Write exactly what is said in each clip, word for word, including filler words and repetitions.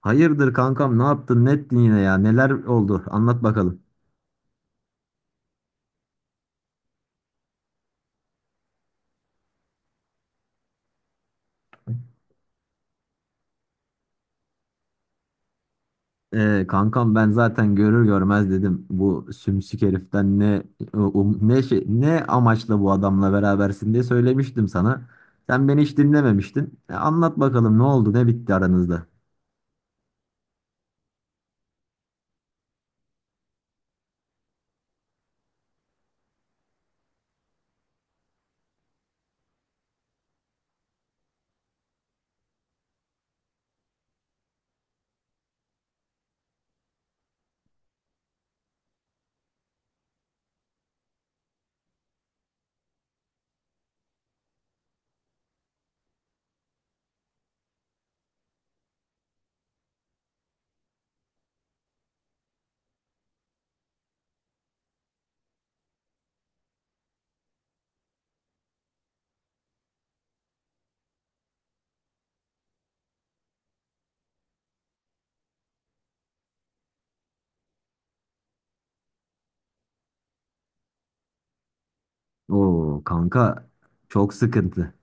Hayırdır kankam, ne yaptın ne ettin yine ya, neler oldu anlat bakalım. Ee, kankam, ben zaten görür görmez dedim bu sümsük heriften ne e, um- ne şey, ne amaçla bu adamla berabersin diye söylemiştim sana. Sen beni hiç dinlememiştin. E, anlat bakalım ne oldu ne bitti aranızda. Oo kanka, çok sıkıntı.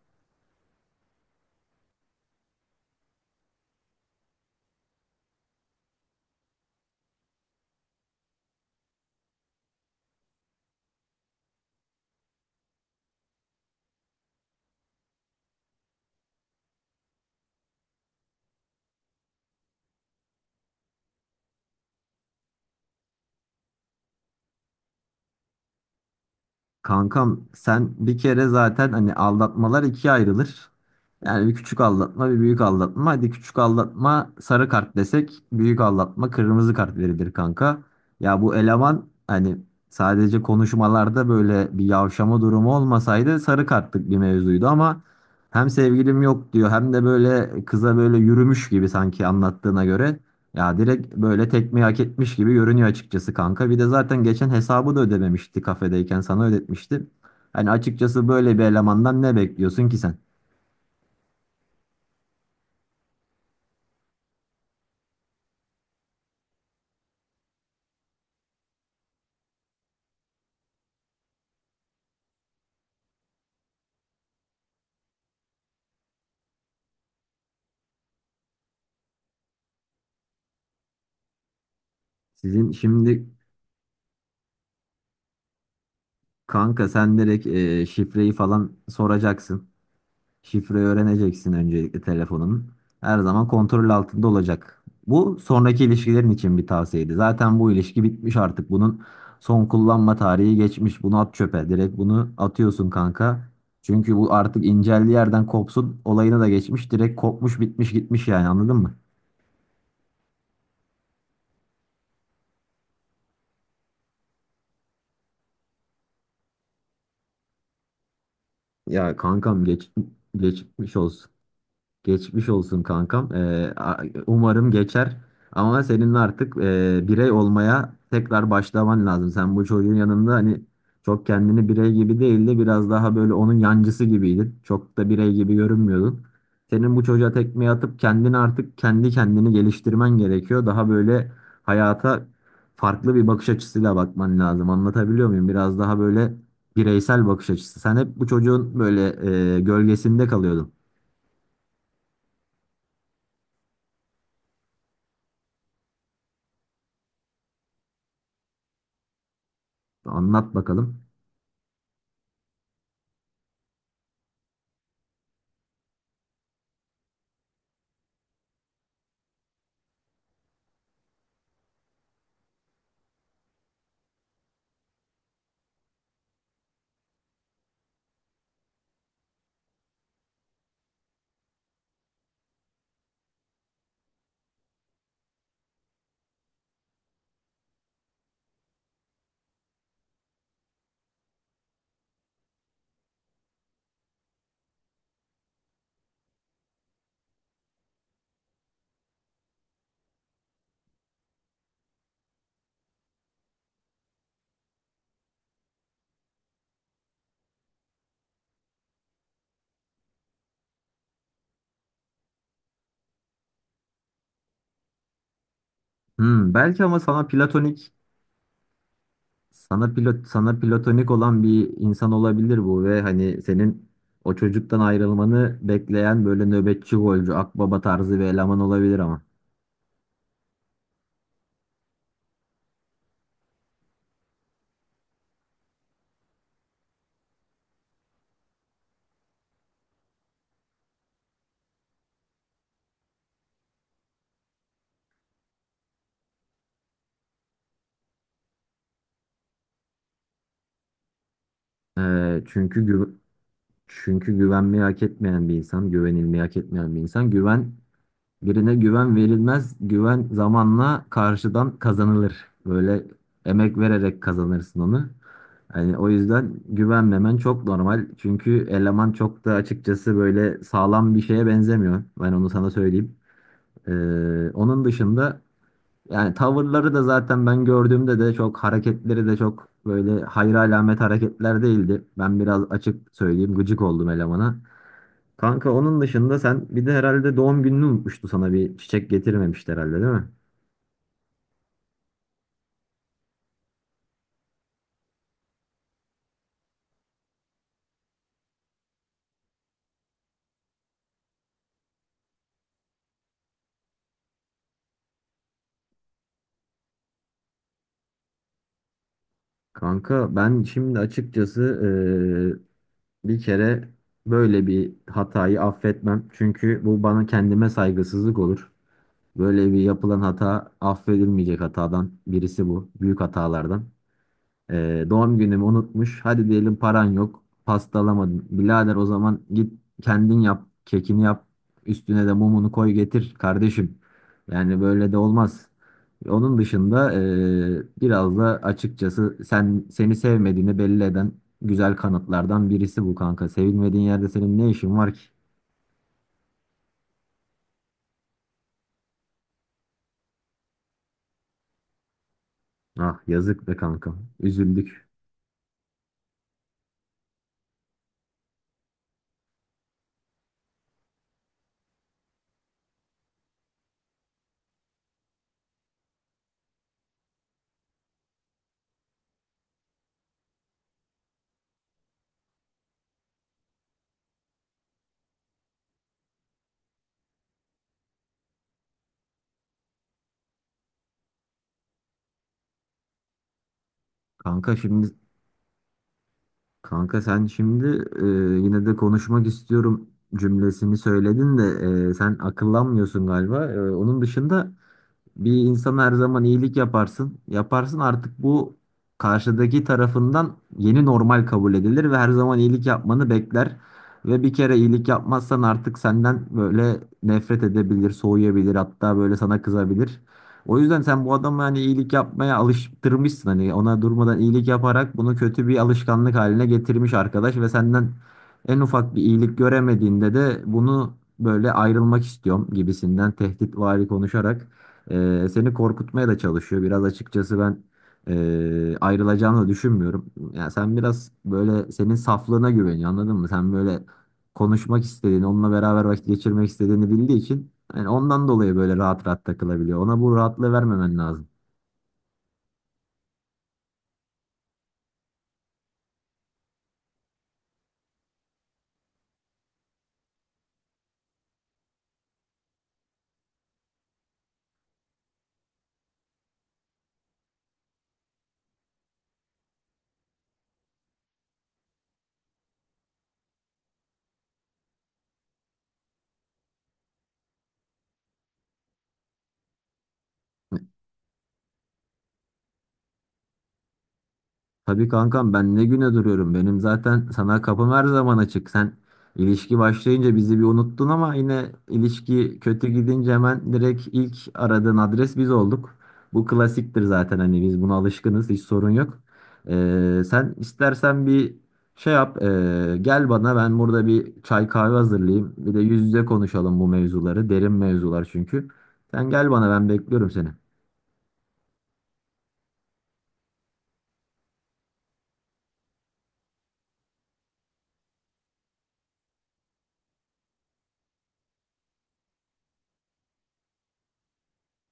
Kankam, sen bir kere zaten hani aldatmalar ikiye ayrılır. Yani bir küçük aldatma bir büyük aldatma. Hadi küçük aldatma sarı kart desek, büyük aldatma kırmızı kart verilir kanka. Ya bu eleman hani sadece konuşmalarda böyle bir yavşama durumu olmasaydı sarı kartlık bir mevzuydu ama hem sevgilim yok diyor hem de böyle kıza böyle yürümüş gibi sanki anlattığına göre. Ya direkt böyle tekmeyi hak etmiş gibi görünüyor açıkçası kanka. Bir de zaten geçen hesabı da ödememişti, kafedeyken sana ödetmişti. Hani açıkçası böyle bir elemandan ne bekliyorsun ki sen? Sizin şimdi kanka, sen direkt e, şifreyi falan soracaksın. Şifreyi öğreneceksin öncelikle telefonun. Her zaman kontrol altında olacak. Bu sonraki ilişkilerin için bir tavsiyeydi. Zaten bu ilişki bitmiş artık. Bunun son kullanma tarihi geçmiş. Bunu at çöpe. Direkt bunu atıyorsun kanka. Çünkü bu artık inceldiği yerden kopsun. Olayına da geçmiş. Direkt kopmuş bitmiş gitmiş, yani anladın mı? Ya kankam, geç, geçmiş olsun. Geçmiş olsun kankam. Ee, a- umarım geçer. Ama senin artık e, birey olmaya tekrar başlaman lazım. Sen bu çocuğun yanında hani çok kendini birey gibi değil de biraz daha böyle onun yancısı gibiydin. Çok da birey gibi görünmüyordun. Senin bu çocuğa tekmeyi atıp kendini artık kendi kendini geliştirmen gerekiyor. Daha böyle hayata farklı bir bakış açısıyla bakman lazım. Anlatabiliyor muyum? Biraz daha böyle bireysel bakış açısı. Sen hep bu çocuğun böyle e, gölgesinde kalıyordun. Anlat bakalım. Hmm, belki ama sana platonik sana pilot sana platonik olan bir insan olabilir bu ve hani senin o çocuktan ayrılmanı bekleyen böyle nöbetçi golcü akbaba tarzı bir eleman olabilir ama. Ee, çünkü gü- Çünkü güvenmeyi hak etmeyen bir insan, güvenilmeyi hak etmeyen bir insan. Güven Birine güven verilmez, güven zamanla karşıdan kazanılır. Böyle emek vererek kazanırsın onu. Yani o yüzden güvenmemen çok normal. Çünkü eleman çok da açıkçası böyle sağlam bir şeye benzemiyor. Ben onu sana söyleyeyim. Ee, Onun dışında yani tavırları da zaten ben gördüğümde de çok hareketleri de çok böyle hayra alamet hareketler değildi. Ben biraz açık söyleyeyim, gıcık oldum elemana. Kanka, onun dışında sen bir de herhalde doğum gününü unutmuştu, sana bir çiçek getirmemişti herhalde değil mi? Kanka, ben şimdi açıkçası eee, bir kere böyle bir hatayı affetmem. Çünkü bu bana kendime saygısızlık olur. Böyle bir yapılan hata affedilmeyecek hatadan birisi bu. Büyük hatalardan. Ee, doğum günümü unutmuş. Hadi diyelim paran yok. Pasta alamadın. Birader, o zaman git kendin yap. Kekini yap. Üstüne de mumunu koy getir kardeşim. Yani böyle de olmaz. Onun dışında eee, biraz da açıkçası sen seni sevmediğini belli eden güzel kanıtlardan birisi bu kanka. Sevilmediğin yerde senin ne işin var ki? Ah yazık be kanka. Üzüldük. Kanka şimdi Kanka sen şimdi e, yine de konuşmak istiyorum cümlesini söyledin de e, sen akıllanmıyorsun galiba. E, onun dışında bir insana her zaman iyilik yaparsın. Yaparsın artık bu karşıdaki tarafından yeni normal kabul edilir ve her zaman iyilik yapmanı bekler. Ve bir kere iyilik yapmazsan artık senden böyle nefret edebilir, soğuyabilir, hatta böyle sana kızabilir. O yüzden sen bu adamı hani iyilik yapmaya alıştırmışsın, hani ona durmadan iyilik yaparak bunu kötü bir alışkanlık haline getirmiş arkadaş ve senden en ufak bir iyilik göremediğinde de bunu böyle ayrılmak istiyorum gibisinden tehditvari konuşarak ee, seni korkutmaya da çalışıyor. Biraz açıkçası ben ee, ayrılacağını da düşünmüyorum. Yani sen biraz böyle, senin saflığına güveniyor anladın mı? Sen böyle konuşmak istediğini, onunla beraber vakit geçirmek istediğini bildiği için yani ondan dolayı böyle rahat rahat takılabiliyor. Ona bu rahatlığı vermemen lazım. Tabii kankam, ben ne güne duruyorum. Benim zaten sana kapım her zaman açık. Sen ilişki başlayınca bizi bir unuttun ama yine ilişki kötü gidince hemen direkt ilk aradığın adres biz olduk. Bu klasiktir zaten, hani biz buna alışkınız, hiç sorun yok. Ee, sen istersen bir şey yap, ee, gel bana, ben burada bir çay kahve hazırlayayım. Bir de yüz yüze konuşalım bu mevzuları, derin mevzular çünkü. Sen gel bana, ben bekliyorum seni.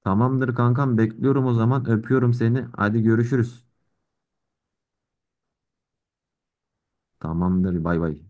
Tamamdır kankam, bekliyorum o zaman, öpüyorum seni. Hadi görüşürüz. Tamamdır. Bay bay.